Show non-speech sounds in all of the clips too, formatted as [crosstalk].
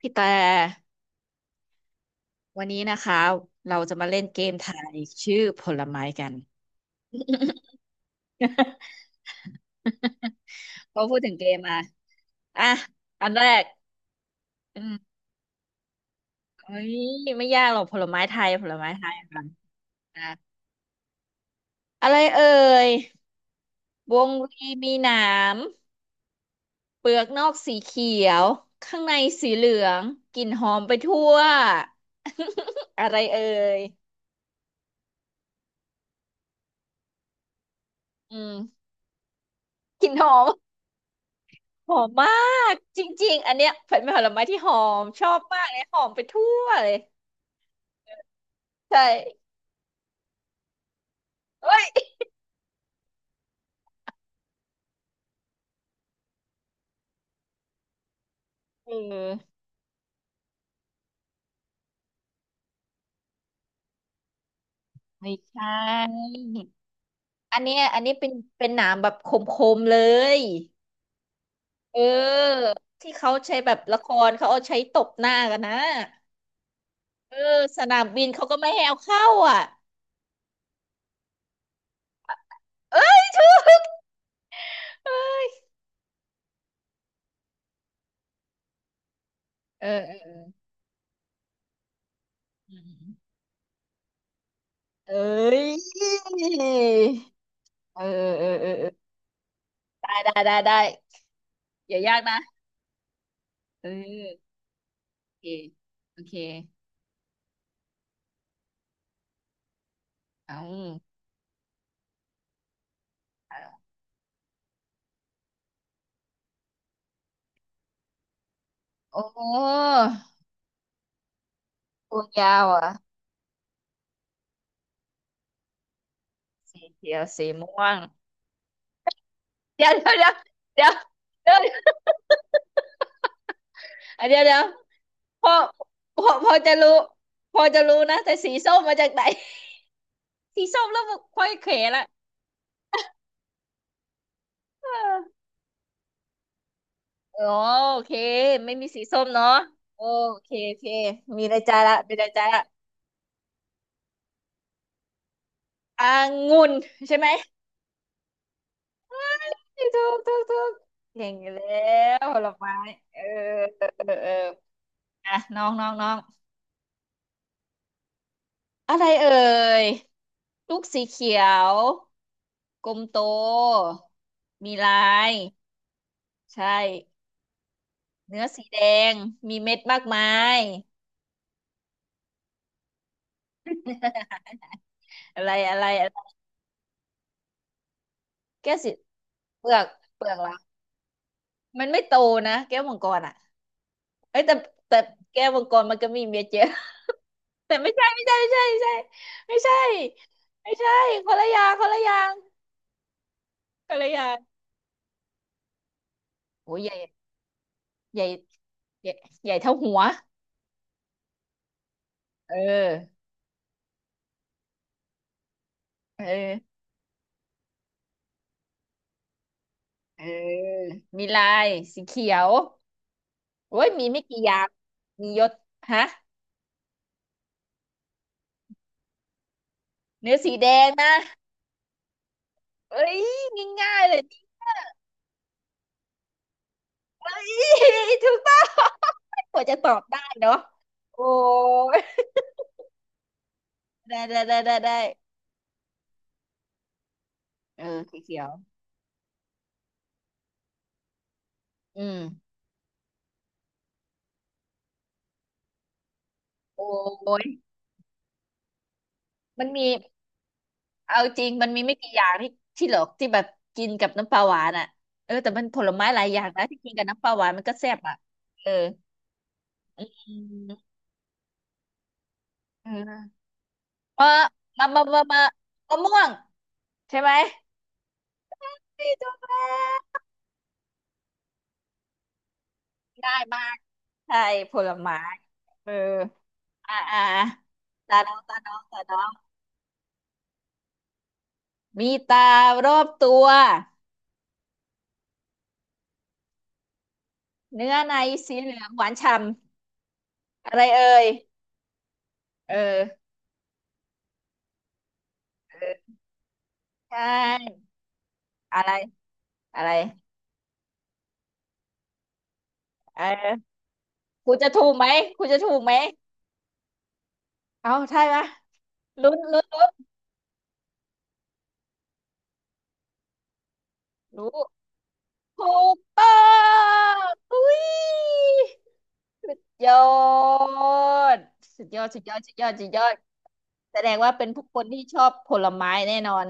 พี่แต่ วันนี้นะคะเราจะมาเล่นเกมทายชื่อผลไม้กัน [laughs] พอพูดถึงเกมอ่ะอ่ะอันแรกอืมเฮ้ยไม่ยากหรอกผลไม้ไทยกันอ่ะอะไรเอ่ย วงรีมีหนามเปลือกนอกสีเขียวข้างในสีเหลืองกลิ่นหอมไปทั่ว [laughs] อะไรเอ่ยอืมกลิ่นหอม หอมมากจริงๆอันเนี้ยเป็นผลไม้ที่หอมชอบมากเลยหอมไปทั่วเลยใช่เอ้ยเออไม่ใช่อันเนี้ยอันนี้เป็นหนามแบบคมๆเลยเออที่เขาใช้แบบละครเขาเอาใช้ตบหน้ากันนะเออสนามบินเขาก็ไม่ให้เอาเข้าอ่ะเอ้ยถูกเออเออเอออืมเอ้ยเออเออเออเออได้ได้ได้ได้อย่ายากนะเออ เคโอเคเอาเอาโอ้โหตัวยาวอ่ะสีเขียวสีม่วงเดี๋ยวเดี๋ยวเดี๋ยวเดี๋ยวเดี๋ยวอ่ะเดี๋ยวเดี๋ยวพอพอพอจะรู้พอจะรู้นะแต่สีส้มมาจากไหนสีส้มแล้วค่อยเขวละเออโอโอเค ไม่มีสีส้มเนาะโอเคโอเค มีในใจละมีในใจละอ่างุ่นใช่ไหม ถูกถูกถูกถูกเก่งแล้วผลไม้เออเออเอออ่ะน้องน้องน้องอะไรเอ่ยลูกสีเขียวกลมโตมีลายใช่เนื้อสีแดงมีเม็ดมากมายอะไรอะไรอะไรแก้วสีเปลือกเปลือกละมันไม่โตนะแก้วมังกรอ่ะเอ้ยแต่แต่แก้วมังกรมันก็มีเม็ดเยอะ [laughs] แต่ไม่ใช่ไม่ใช่ไม่ใช่ไม่ใช่ไม่ใช่ไม่ใช่คนละอย่างคนละอย่างคนละอย่าง โอ้ยใหญ่ใหญ่ใหญ่ใหญ่เท่าหัวเออเออเออมีลายสีเขียวโอ้ยมีไม่กี่อย่างมียศฮะเนื้อสีแดงนะเอ้ยง่ายๆเลยเอ้ยถูกต้องกว่าจะตอบได้เนาะโอ้ยได้ได้ได้ได้ได้เออสีเขียวอืมโอ้ย มันมี เอาจริงมันมีไม่กี่อย่างที่ที่หรอกที่แบบกินกับน้ำปลาหวานอ่ะเออแต่ผลไม้หลายอย่างนะที่กินกับน้ำปลาหวานมันก็แซ่บอ่ะเอออืมเออเออมามามามามะม่วงใช่ไหมที่ตัวแม่ได้มากใช่ผลไม้เอออ่าอ่าตาน้องตาน้องตาน้องมีตารอบตัวเนื้อในสีเหลืองหวานฉ่ำอะไรเอ่ยเออเออใช่อะไรอะไร เออกูจะถูกไหมคุูจะถูกไหมเอาใช่ไหมลุ้นลุ้นลุ้นรู้ถูกต้องอุ้ยยอดสุดยอดสุดยอดสุดยอดสุดยอดแสดงว่าเป็นผู้คนที่ชอบผลไม้แน่นอน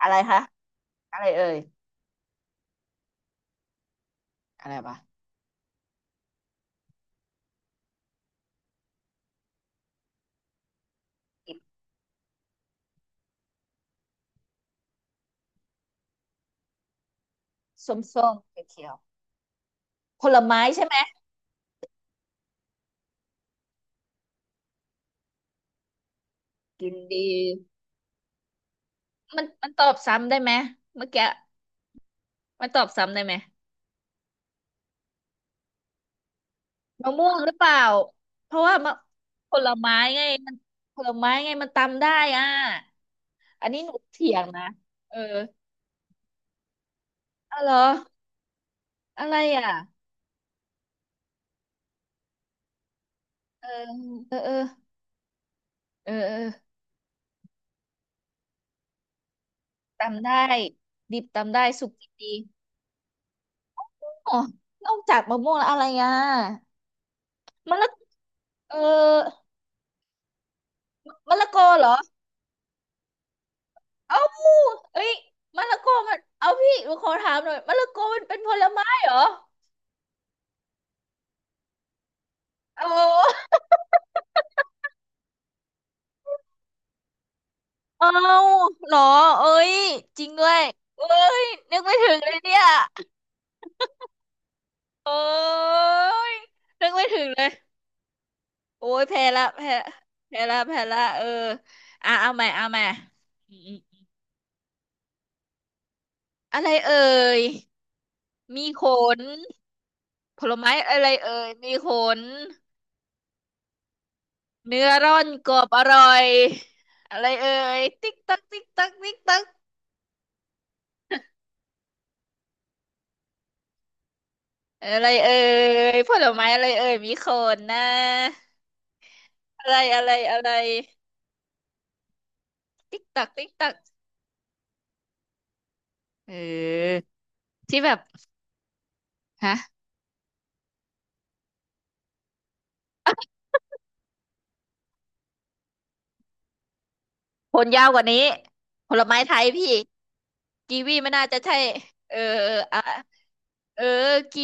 อะไรคะอะไรเอ่ยอะไรปะกินส้มส้มเขียวเขียวๆผลไม้ใช่ไหมกินดีมันตอบซ้ำได้ไหมเมื่อกี้มันตอบซ้ำได้ไหม มะม่วงหรือเปล่าเพราะว่ามะผลไม้ไงมันผลไม้ไงมันตำได้อ่ะอันนี้หนูเถียงนะ เอออ้าวเหรออะไรอ่ะเออเออเออเออเออตำได้ดิบตำได้สุกดีอ๋อนอกจากมะม่วงแล้วอะไรอ่ะมะละเออมะละกอเหรอ เอ้าเอ้ยมะละกอมันเอาพี่หนูขอถามหน่อยมะละกอมันเป็นผลไม้เหรอโอ้ เอ้าเหรอเอ้ย จริงด้วยเอ้ยนึกไม่ถึงเลยเนี่ยโอ้ยนึกไม่ถึงเลยโอ้ยแพ้ละแพ้แพ้ละแพ้ละเอออ่ะเอาใหม่เอาใหม่อืมๆอะไรเอ่ยมีขนผลไม้อะไรเอ่ยมีขน เนื้อร่อนกรอบอร่อย อะไรเอ่ยติ๊กตักติ๊กตักติ๊กตักอะไรเอ่ยผลไม้อะไรเอ่ยมีขนนะ อะไรอะไรอะไรติ๊กตักติ๊กตัก เออที่แบบฮะผลยาวกว่านี้ผลไม้ไทยพี่กีวีไม่น่าจะใช่เออเอออ่ะเออกี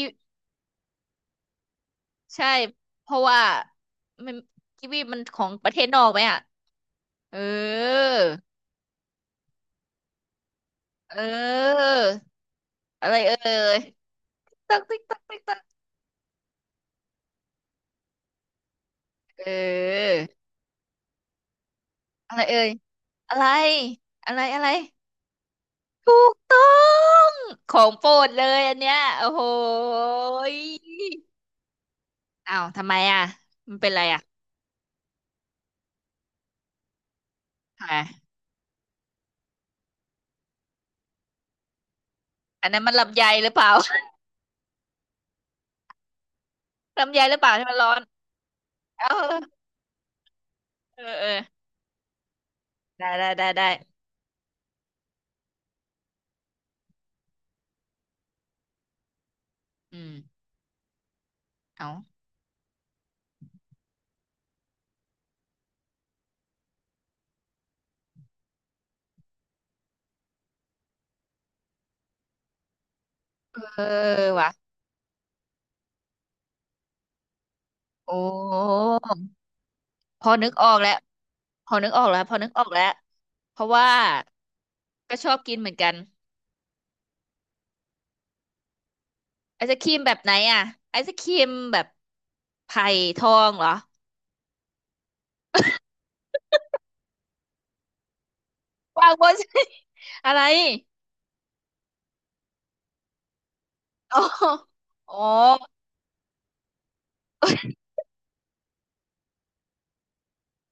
ใช่เพราะว่ามันกีวีมันของประเทศนอกไหมอ่ะเออเอออะไรเอ่ยตักติ๊กตักติ๊กตักเอออะไรเอ่ยอะไรอะไรอะไรถูกต้องของโปรดเลยอันเนี้ยโอ้โหอ้าวทำไมอ่ะมันเป็นไรอ่ะ ค่ะอันนั้นมันลำไยหรือเปล่า [laughs] ลำไยหรือเปล่าที่มันร้อนเออเออเออได้ได้ได้ได้อืมเอาเออวะโอ้พอนึกออกแล้วพอนึกออกแล้วพอนึกออกแล้วเพราะว่าก็ชอบกินเหมือนกันไอศครีมแบบไหนอ่ะไอศครีมแบบไผ่ทองเหรอวางบน [laughs] อะไรอ๋อ [laughs] อ๋อ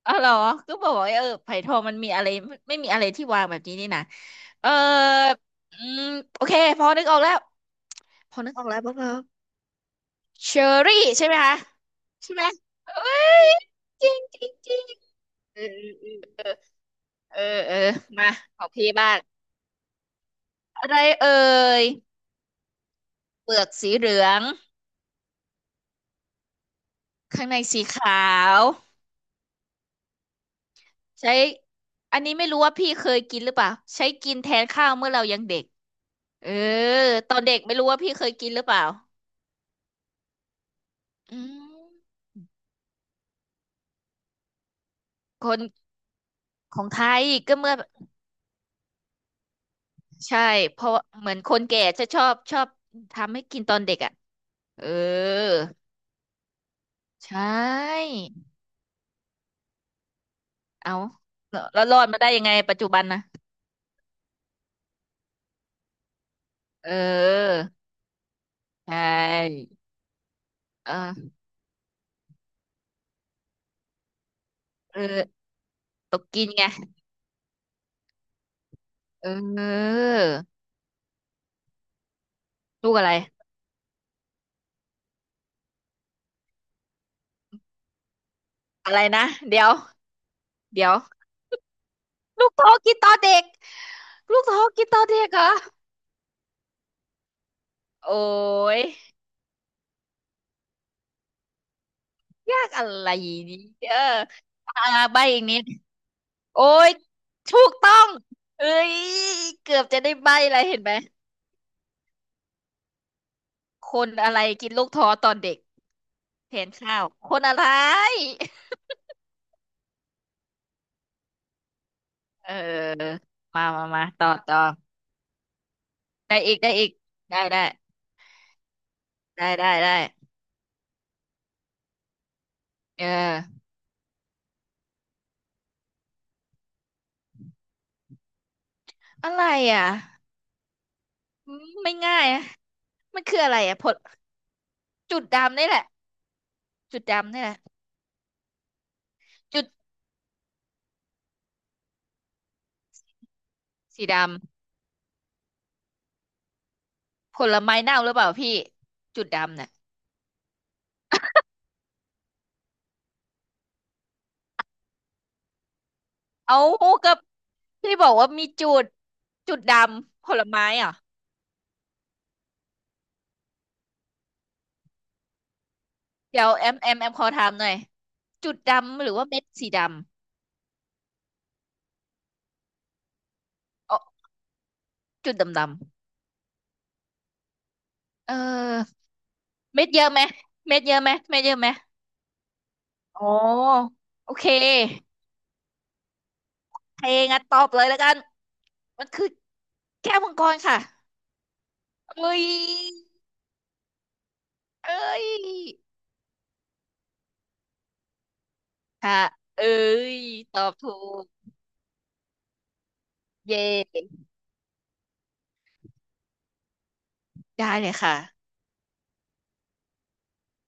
อ๋อเหรอก็บอกว่าเออไผ่ทองมันมีอะไรไม่ไมมีอะไรที่วางแบบนี้นี่นะ เอออืมโอเคพอนึกออกแล้วพอนึกออกแล้วพวกเราเชอรี่ใช่ไหมคะใช่ไหมเอ้ยจริงจริงจริงเออเออเออเออเออมาของพี่บ้างอะไรเอ่ยเปลือกสีเหลืองข้างในสีขาวใช้อันนี้ไม่รู้ว่าพี่เคยกินหรือเปล่าใช้กินแทนข้าวเมื่อเรายังเด็กเออตอนเด็กไม่รู้ว่าพี่เคยกินหรือเปล่าอืมคนของไทยก็เมื่อ ใช่เพราะเหมือนคนแก่จะชอบชอบทำให้กินตอนเด็กอ่ะเออใช่เอาแล้วรอดมาได้ยังไงปัจจุบันนะเออใช่เออเออตกกินไงเออลูกอะไรอะไรนะเดี๋ยวเดี๋ยวลูกท้อกินตอนเด็กลูกท้อกินตอนเด็กเหรอโอ้ยยากอะไรนี้เอออ่าใบอีกนิด โอ้ยถูกต้องเอ้ยเกือบจะได้ใบ้อะไรเห็นไหมคนอะไรกินลูกท้อตอนเด็กแทนข้าวคนอะไร [laughs] เออมามามาต่อต่อได้อีกได้อีกได้ได้ได้ได้ได้เอออะไรอ่ะอืมไม่ง่ายอะมันคืออะไรอ่ะผลจุดดำนี่แหละจุดดำนี่แหละจุดสีดำผลไม้เน่าหรือเปล่าพี่จุดดำน่ะเอากับพี่บอกว่ามีจุดจุดดำผลไม้เหรอ เดี๋ยวแอมแอมแอมขอถามหน่อยจุดดำหรือว่าเม็ดสีดำอ๋อจุดดำดำเออเม็ดเยอะไหมเม็ดเยอะไหมเม็ดเยอะไหมอ๋อโอเคเคงั้นตอบเลยแล้วกันมันคือแก้วมังกรค่ะเอ้ยเอ้ยค่ะเอ้ยตอบถูกเย้ได้เลยค่ะ